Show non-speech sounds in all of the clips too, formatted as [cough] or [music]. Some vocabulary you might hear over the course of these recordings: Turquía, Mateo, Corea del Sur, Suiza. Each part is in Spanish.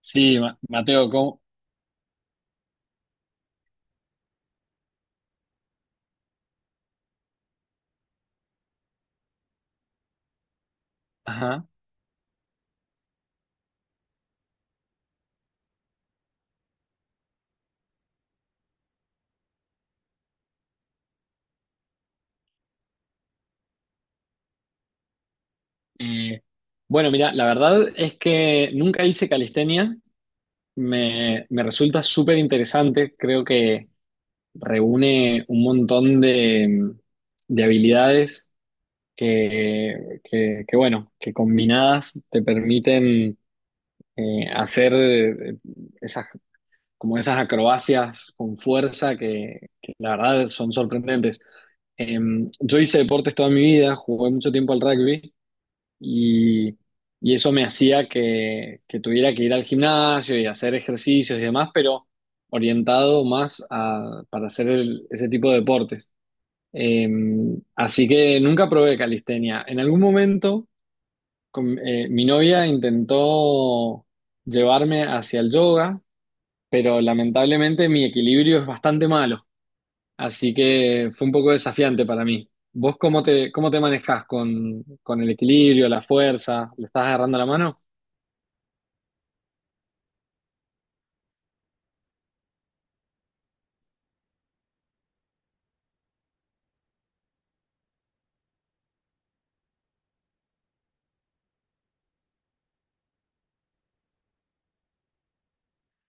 Sí, Mateo, ¿cómo? Ajá. Eh, bueno, mira, la verdad es que nunca hice calistenia. Me resulta súper interesante. Creo que reúne un montón de habilidades bueno, que combinadas te permiten hacer esas, como esas acrobacias con fuerza que la verdad son sorprendentes. Yo hice deportes toda mi vida, jugué mucho tiempo al rugby y, y eso me hacía que tuviera que ir al gimnasio y hacer ejercicios y demás, pero orientado más a, para hacer ese tipo de deportes. Eh, Así que nunca probé calistenia. En algún momento mi novia intentó llevarme hacia el yoga, pero lamentablemente mi equilibrio es bastante malo. Así que fue un poco desafiante para mí. ¿Vos cómo te manejás con el equilibrio, la fuerza? ¿Le estás agarrando la mano?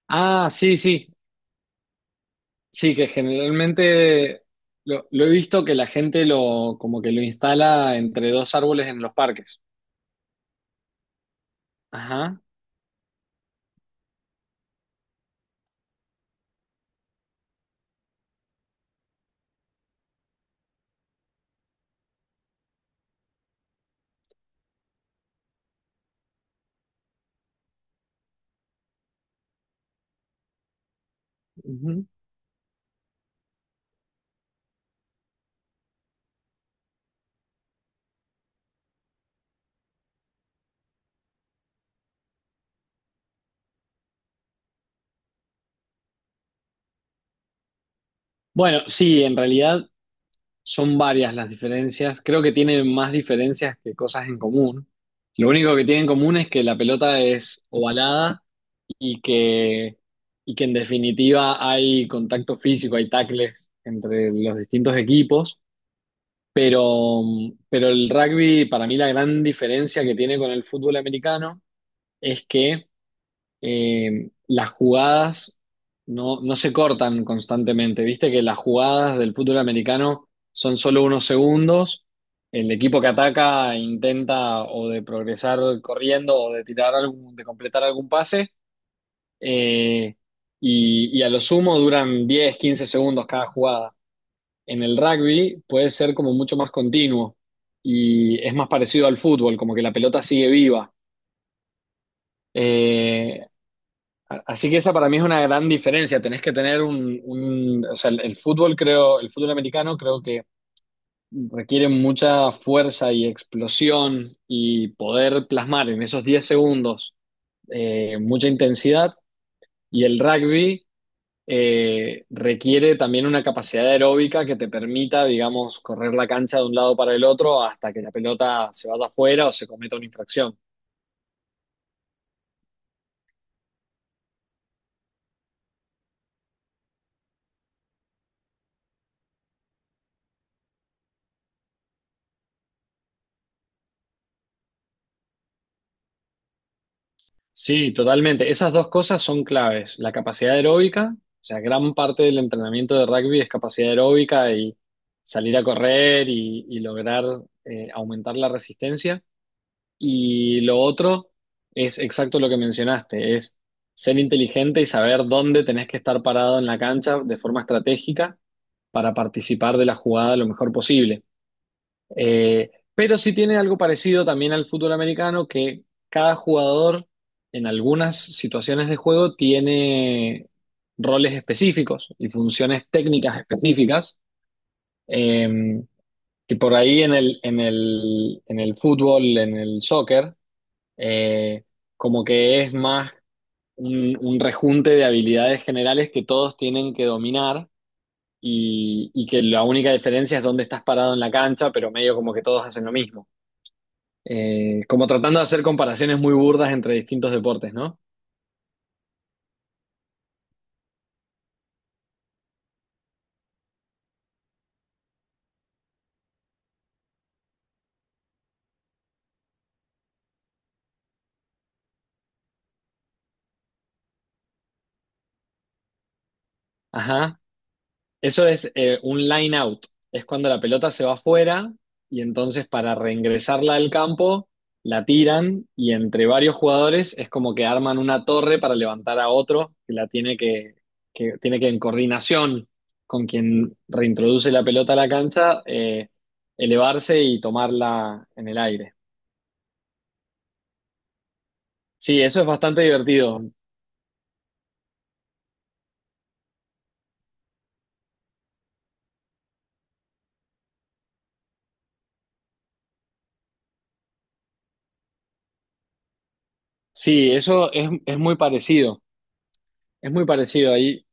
Ah, sí, sí. Sí, que generalmente lo he visto que la gente lo, como que lo instala entre dos árboles en los parques. Ajá. Ujú. Bueno, sí, en realidad son varias las diferencias. Creo que tienen más diferencias que cosas en común. Lo único que tienen en común es que la pelota es ovalada y que, y que en definitiva hay contacto físico, hay tackles entre los distintos equipos, pero, pero el rugby, para mí la gran diferencia que tiene con el fútbol americano es que las jugadas no se cortan constantemente, viste que las jugadas del fútbol americano son solo unos segundos. El equipo que ataca intenta o de progresar corriendo o de tirar algún, de completar algún pase, eh, y a lo sumo duran 10 15 segundos cada jugada. En el rugby puede ser como mucho más continuo y es más parecido al fútbol, como que la pelota sigue viva. Eh, Así que esa para mí es una gran diferencia. Tenés que tener un, o sea, el fútbol creo, el fútbol americano creo que requiere mucha fuerza y explosión y poder plasmar en esos 10 segundos mucha intensidad. Y el rugby requiere también una capacidad aeróbica que te permita, digamos, correr la cancha de un lado para el otro hasta que la pelota se vaya afuera o se cometa una infracción. Sí, totalmente. Esas dos cosas son claves. La capacidad aeróbica, o sea, gran parte del entrenamiento de rugby es capacidad aeróbica y salir a correr y lograr aumentar la resistencia. Y lo otro es exacto lo que mencionaste, es ser inteligente y saber dónde tenés que estar parado en la cancha de forma estratégica para participar de la jugada lo mejor posible. Pero sí tiene algo parecido también al fútbol americano, que cada jugador en algunas situaciones de juego tiene roles específicos y funciones técnicas específicas. eh, que por ahí en el, en el, en el fútbol, en el soccer, eh, como que es más un rejunte de habilidades generales que todos tienen que dominar y que la única diferencia es dónde estás parado en la cancha, pero medio como que todos hacen lo mismo. Como tratando de hacer comparaciones muy burdas entre distintos deportes, ¿no? Ajá. Eso es un line out. Es cuando la pelota se va afuera y entonces para reingresarla al campo la tiran y entre varios jugadores es como que arman una torre para levantar a otro que la tiene que tiene que en coordinación con quien reintroduce la pelota a la cancha elevarse y tomarla en el aire. Sí, eso es bastante divertido. Sí, eso es muy parecido. Es muy parecido ahí.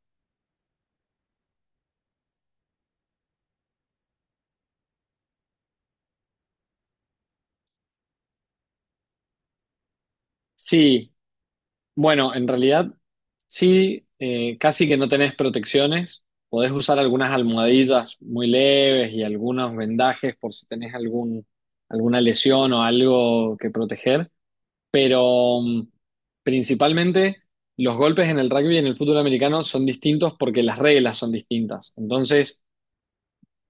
Sí, bueno, en realidad sí, casi que no tenés protecciones. Podés usar algunas almohadillas muy leves y algunos vendajes por si tenés algún, alguna lesión o algo que proteger. Pero principalmente los golpes en el rugby y en el fútbol americano son distintos porque las reglas son distintas. Entonces,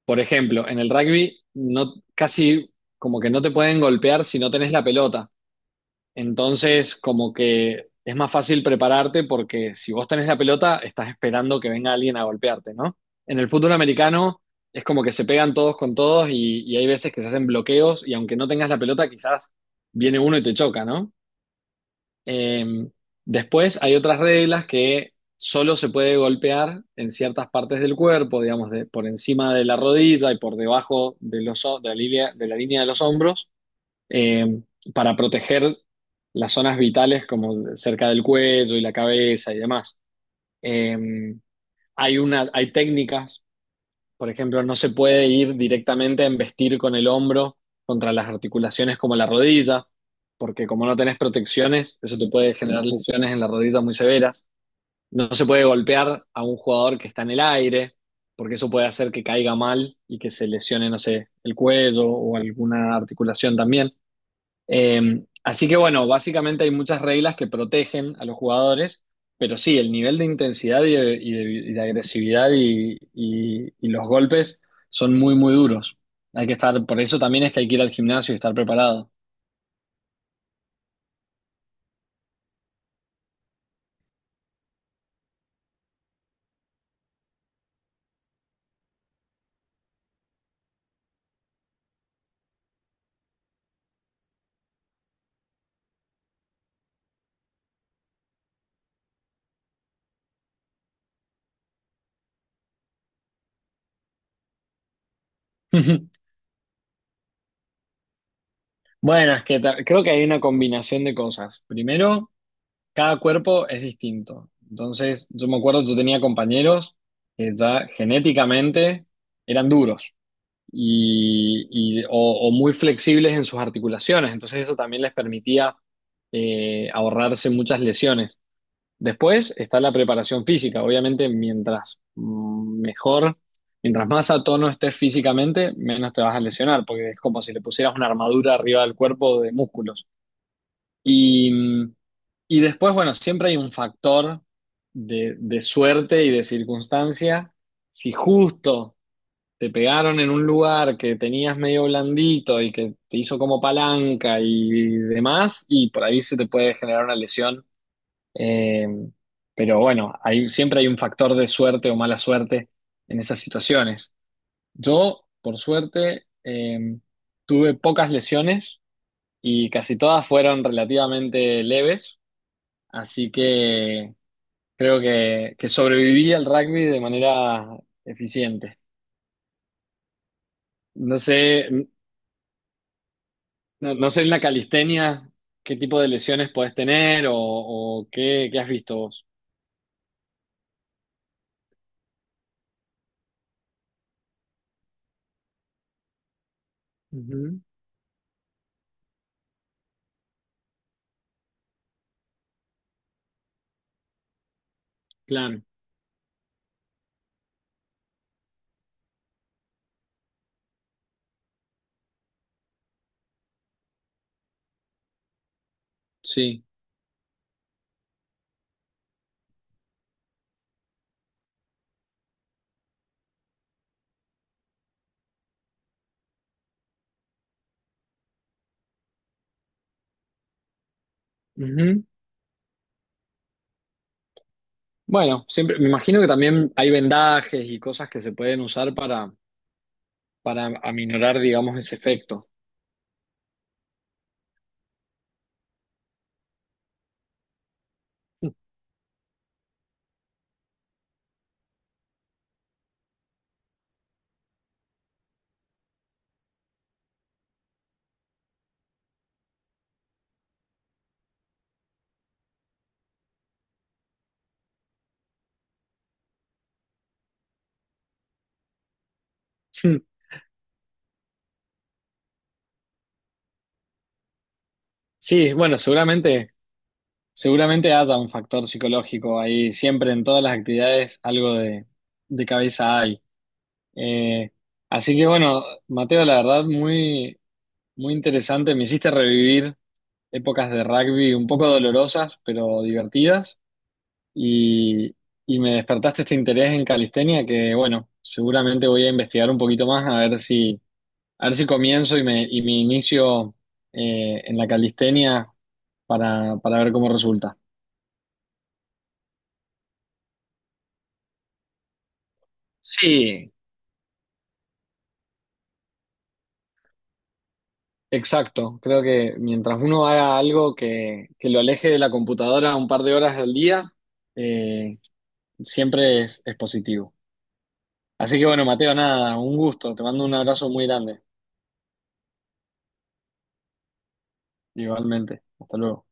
por ejemplo, en el rugby casi como que no te pueden golpear si no tenés la pelota. Entonces, como que es más fácil prepararte porque si vos tenés la pelota, estás esperando que venga alguien a golpearte, ¿no? En el fútbol americano es como que se pegan todos con todos y hay veces que se hacen bloqueos y aunque no tengas la pelota, quizás viene uno y te choca, ¿no? Eh, Después hay otras reglas que solo se puede golpear en ciertas partes del cuerpo, digamos, por encima de la rodilla y por debajo de, los, de la línea, de la línea de los hombros eh, para proteger las zonas vitales como cerca del cuello y la cabeza y demás. Eh, Hay una, hay técnicas, por ejemplo, no se puede ir directamente a embestir con el hombro contra las articulaciones como la rodilla, porque como no tenés protecciones, eso te puede generar lesiones en la rodilla muy severas. No se puede golpear a un jugador que está en el aire, porque eso puede hacer que caiga mal y que se lesione, no sé, el cuello o alguna articulación también. Así que bueno, básicamente hay muchas reglas que protegen a los jugadores, pero sí, el nivel de intensidad y de, y de agresividad y los golpes son muy, muy duros. Hay que estar, por eso también es que hay que ir al gimnasio y estar preparado. [laughs] Bueno, es que creo que hay una combinación de cosas. Primero, cada cuerpo es distinto. Entonces, yo me acuerdo, yo tenía compañeros que ya genéticamente eran duros. Y, o muy flexibles en sus articulaciones. Entonces eso también les permitía ahorrarse muchas lesiones. Después está la preparación física. Obviamente, mejor, mientras más a tono estés físicamente, menos te vas a lesionar, porque es como si le pusieras una armadura arriba del cuerpo de músculos. Y, mm, y después, bueno, siempre hay un factor de suerte y de circunstancia. Si justo te pegaron en un lugar que tenías medio blandito y que te hizo como palanca y demás, y por ahí se te puede generar una lesión. Eh, pero bueno, hay, siempre hay un factor de suerte o mala suerte en esas situaciones. Yo, por suerte, tuve pocas lesiones y casi todas fueron relativamente leves, así que creo que sobreviví al rugby de manera eficiente. No sé, no, no sé en la calistenia qué tipo de lesiones podés tener o qué, qué has visto vos. Ujú, claro, sí. Ujú. Bueno, siempre, me imagino que también hay vendajes y cosas que se pueden usar para aminorar, digamos, ese efecto. [laughs] Hmm. Sí, bueno, seguramente, seguramente haya un factor psicológico ahí, siempre en todas las actividades algo de cabeza hay. Eh, Así que bueno, Mateo, la verdad, muy, muy interesante, me hiciste revivir épocas de rugby un poco dolorosas, pero divertidas. Y, y me despertaste este interés en calistenia que, bueno, seguramente voy a investigar un poquito más a ver si comienzo y me inicio en la calistenia para ver cómo resulta. Sí, exacto. Creo que mientras uno haga algo que lo aleje de la computadora un par de horas al día, eh, siempre es positivo. Así que bueno, Mateo, nada, un gusto. Te mando un abrazo muy grande. Igualmente. Hasta luego.